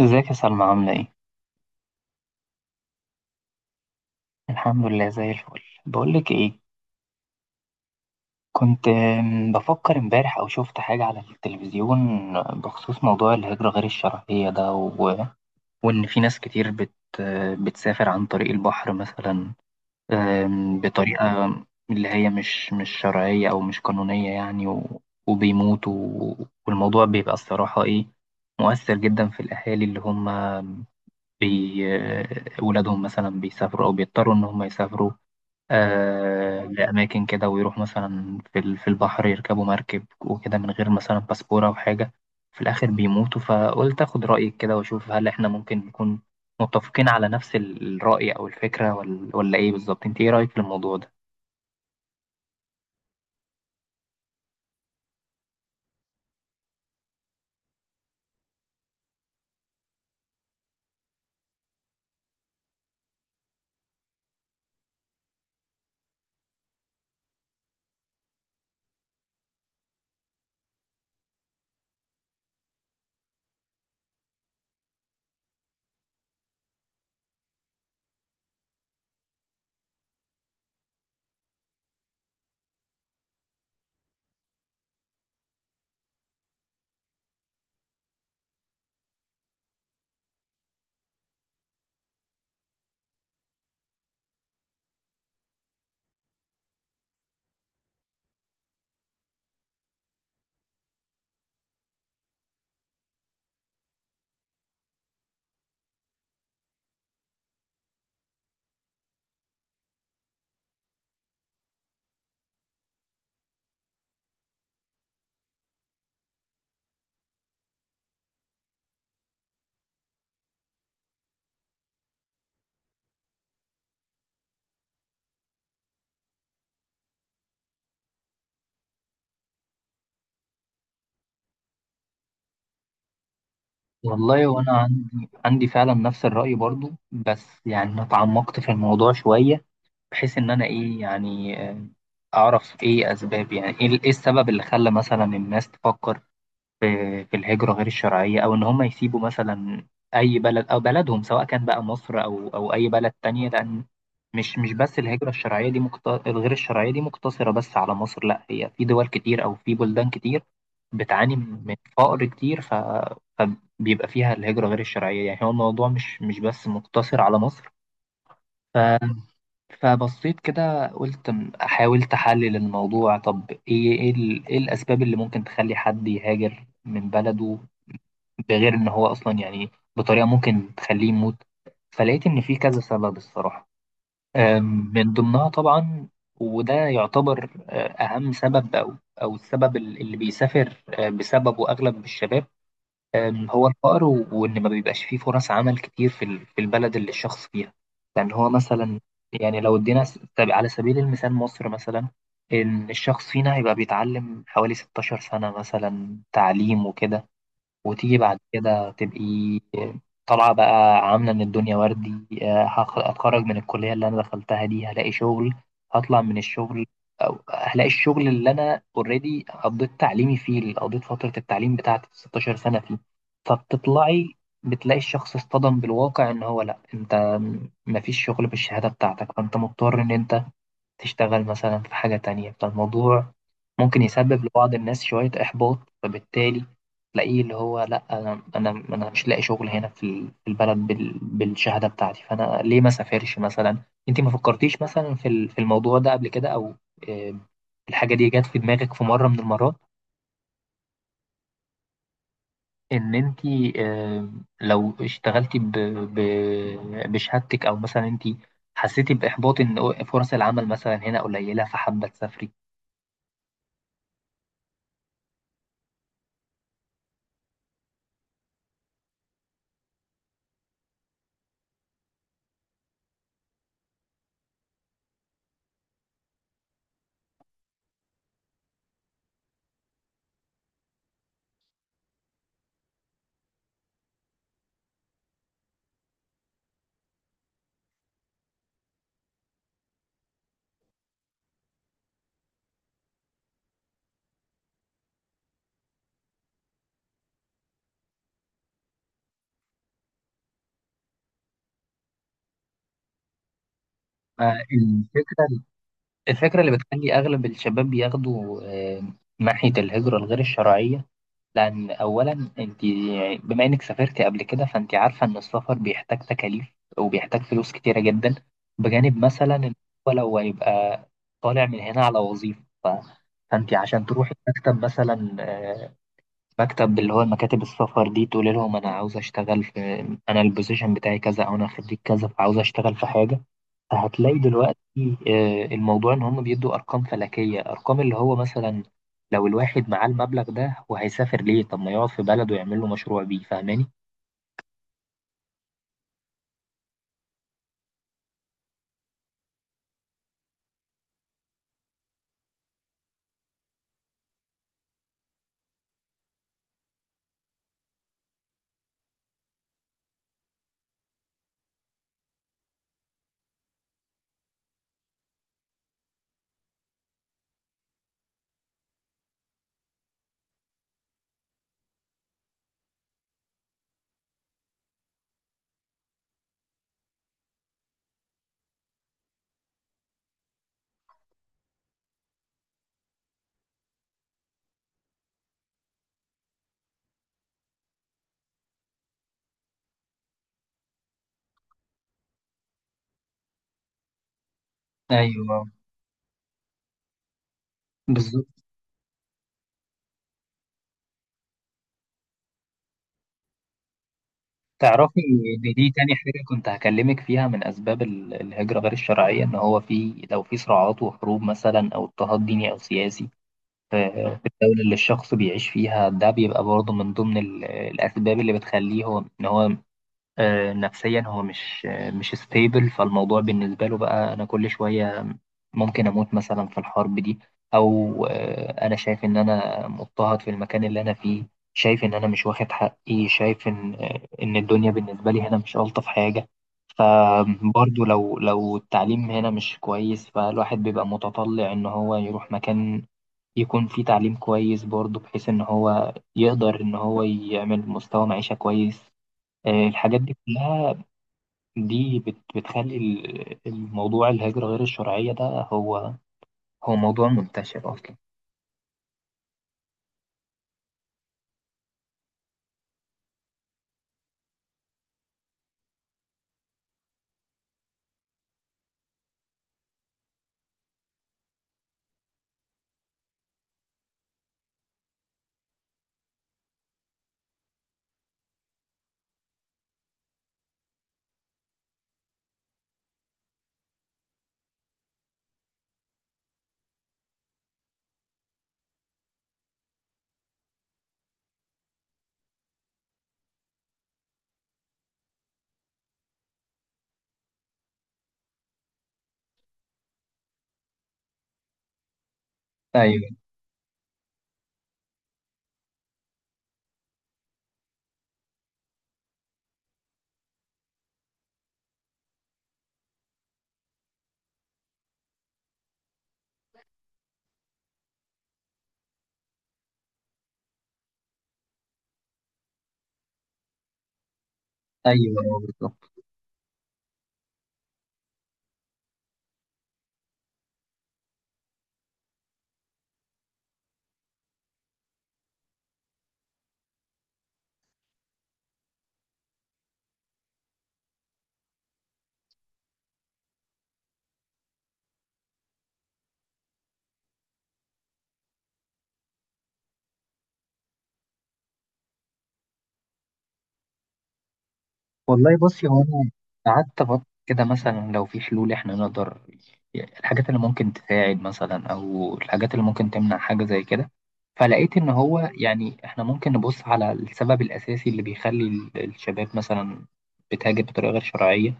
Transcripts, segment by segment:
ازيك يا سلمى، عاملة ايه؟ الحمد لله زي الفل. بقولك ايه. كنت بفكر امبارح او شفت حاجة على التلفزيون بخصوص موضوع الهجرة غير الشرعية ده، وان في ناس كتير بت... بتسافر عن طريق البحر مثلا، بطريقة اللي هي مش شرعية او مش قانونية، يعني، وبيموتوا، والموضوع بيبقى الصراحة ايه، مؤثر جدا في الاهالي، اللي هم بي... آه، ولادهم مثلا بيسافروا او بيضطروا ان هم يسافروا لأماكن كده، ويروح مثلا في البحر يركبوا مركب وكده، من غير مثلا باسبورة أو حاجة. في الآخر بيموتوا. فقلت أخد رأيك كده وأشوف، هل إحنا ممكن نكون متفقين على نفس الرأي أو الفكرة، ولا إيه بالظبط؟ أنت إيه رأيك في الموضوع ده؟ والله، وأنا عندي فعلا نفس الرأي برضو. بس يعني أنا اتعمقت في الموضوع شوية، بحيث إن أنا إيه يعني، أعرف إيه أسباب، يعني إيه السبب اللي خلى مثلا الناس تفكر في الهجرة غير الشرعية، أو إن هم يسيبوا مثلا أي بلد أو بلدهم، سواء كان بقى مصر أو أي بلد تانية. لأن مش بس الهجرة الشرعية دي الغير الشرعية دي مقتصرة بس على مصر، لا، هي في دول كتير أو في بلدان كتير بتعاني من فقر كتير، فبيبقى فيها الهجرة غير الشرعية. يعني هو الموضوع مش بس مقتصر على مصر. ف... فبصيت كده قلت، حاولت احلل الموضوع. طب ايه الاسباب اللي ممكن تخلي حد يهاجر من بلده، بغير ان هو اصلا يعني بطريقة ممكن تخليه يموت؟ فلقيت ان في كذا سبب الصراحة. من ضمنها طبعا، وده يعتبر اهم سبب، او السبب اللي بيسافر بسببه اغلب الشباب، هو الفقر، وإن ما بيبقاش فيه فرص عمل كتير في البلد اللي الشخص فيها. لأن هو مثلا، يعني، لو ادينا، طب على سبيل المثال مصر مثلا، إن الشخص فينا هيبقى بيتعلم حوالي 16 سنة مثلا تعليم وكده، وتيجي بعد كده تبقي طالعة بقى عاملة إن الدنيا وردي. هتخرج من الكلية اللي أنا دخلتها دي، هلاقي شغل، هطلع من الشغل، أو هلاقي الشغل اللي أنا أوريدي قضيت تعليمي فيه، اللي قضيت فترة التعليم بتاعتي 16 سنة فيه. فبتطلعي بتلاقي الشخص اصطدم بالواقع، إن هو، لأ أنت مفيش شغل بالشهادة بتاعتك، فأنت مضطر إن أنت تشتغل مثلا في حاجة تانية. فالموضوع ممكن يسبب لبعض الناس شوية إحباط، فبالتالي تلاقيه اللي هو، لأ، أنا مش لاقي شغل هنا في البلد بالشهادة بتاعتي، فأنا ليه ما سافرش مثلا؟ أنت ما فكرتيش مثلا في الموضوع ده قبل كده، أو آه، الحاجة دي جت في دماغك في مرة من المرات، إن أنت آه، لو اشتغلتي بشهادتك، أو مثلا أنت حسيتي بإحباط إن فرص العمل مثلا هنا قليلة، فحابة تسافري؟ فالفكرة اللي بتخلي أغلب الشباب بياخدوا آه، ناحية الهجرة الغير الشرعية، لأن أولا أنت يعني، بما إنك سافرت قبل كده، فأنت عارفة إن السفر بيحتاج تكاليف وبيحتاج فلوس كتيرة جدا، بجانب مثلا إن هو لو هيبقى طالع من هنا على وظيفة. فأنت عشان تروحي مكتب مثلا، مكتب اللي هو مكاتب السفر دي، تقولي لهم أنا عاوز أشتغل في، أنا البوزيشن بتاعي كذا أو أنا خريج كذا، فعاوز أشتغل في حاجة، هتلاقي دلوقتي الموضوع ان هم بيدوا ارقام فلكيه. ارقام اللي هو مثلا، لو الواحد معاه المبلغ ده وهيسافر، ليه؟ طب ما يقعد في بلده ويعمل له مشروع بيه. فاهماني؟ ايوه، بالظبط. تعرفي ان دي تاني حاجة كنت هكلمك فيها، من اسباب الهجرة غير الشرعية، ان هو، في لو في صراعات وحروب مثلا، او اضطهاد ديني او سياسي في الدولة اللي الشخص بيعيش فيها، ده بيبقى برضه من ضمن الاسباب اللي بتخليه هو، ان هو، نفسيا هو مش ستيبل. فالموضوع بالنسبة له بقى، أنا كل شوية ممكن أموت مثلا في الحرب دي، أو أنا شايف إن أنا مضطهد في المكان اللي أنا فيه، شايف إن أنا مش واخد حقي، شايف إن الدنيا بالنسبة لي هنا مش ألطف حاجة. فبرضه لو التعليم هنا مش كويس، فالواحد بيبقى متطلع إن هو يروح مكان يكون فيه تعليم كويس برضه، بحيث إن هو يقدر إن هو يعمل مستوى معيشة كويس. الحاجات دي كلها، دي بتخلي الموضوع، الهجرة غير الشرعية ده، هو هو موضوع منتشر أصلا. أيوه، أيوه، أيوه، بالظبط. والله بصي، هو أنا قعدت أفكر كده، مثلا لو في حلول، إحنا نقدر الحاجات اللي ممكن تساعد مثلا، أو الحاجات اللي ممكن تمنع حاجة زي كده. فلقيت إن هو، يعني، إحنا ممكن نبص على السبب الأساسي اللي بيخلي الشباب مثلا بتهاجر بطريقة غير شرعية،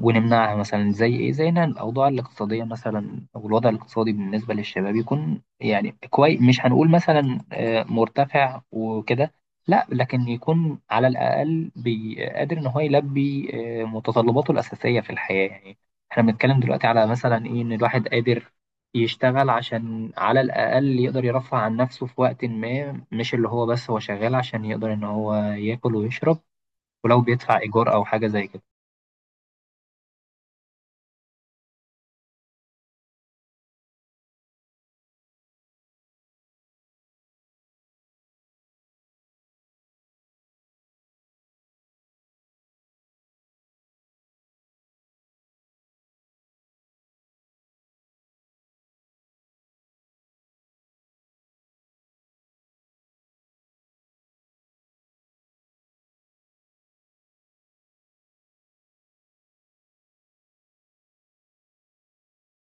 ونمنعها. مثلا زي ايه؟ زي ان الاوضاع الاقتصاديه مثلا، او الوضع الاقتصادي بالنسبه للشباب، يكون يعني كويس، مش هنقول مثلا مرتفع وكده، لا، لكن يكون على الاقل قادر ان هو يلبي متطلباته الاساسيه في الحياه، يعني. احنا بنتكلم دلوقتي على مثلا ايه؟ ان الواحد قادر يشتغل، عشان على الاقل يقدر يرفع عن نفسه في وقت ما، مش اللي هو بس هو شغال عشان يقدر ان هو ياكل ويشرب، ولو بيدفع ايجار او حاجه زي كده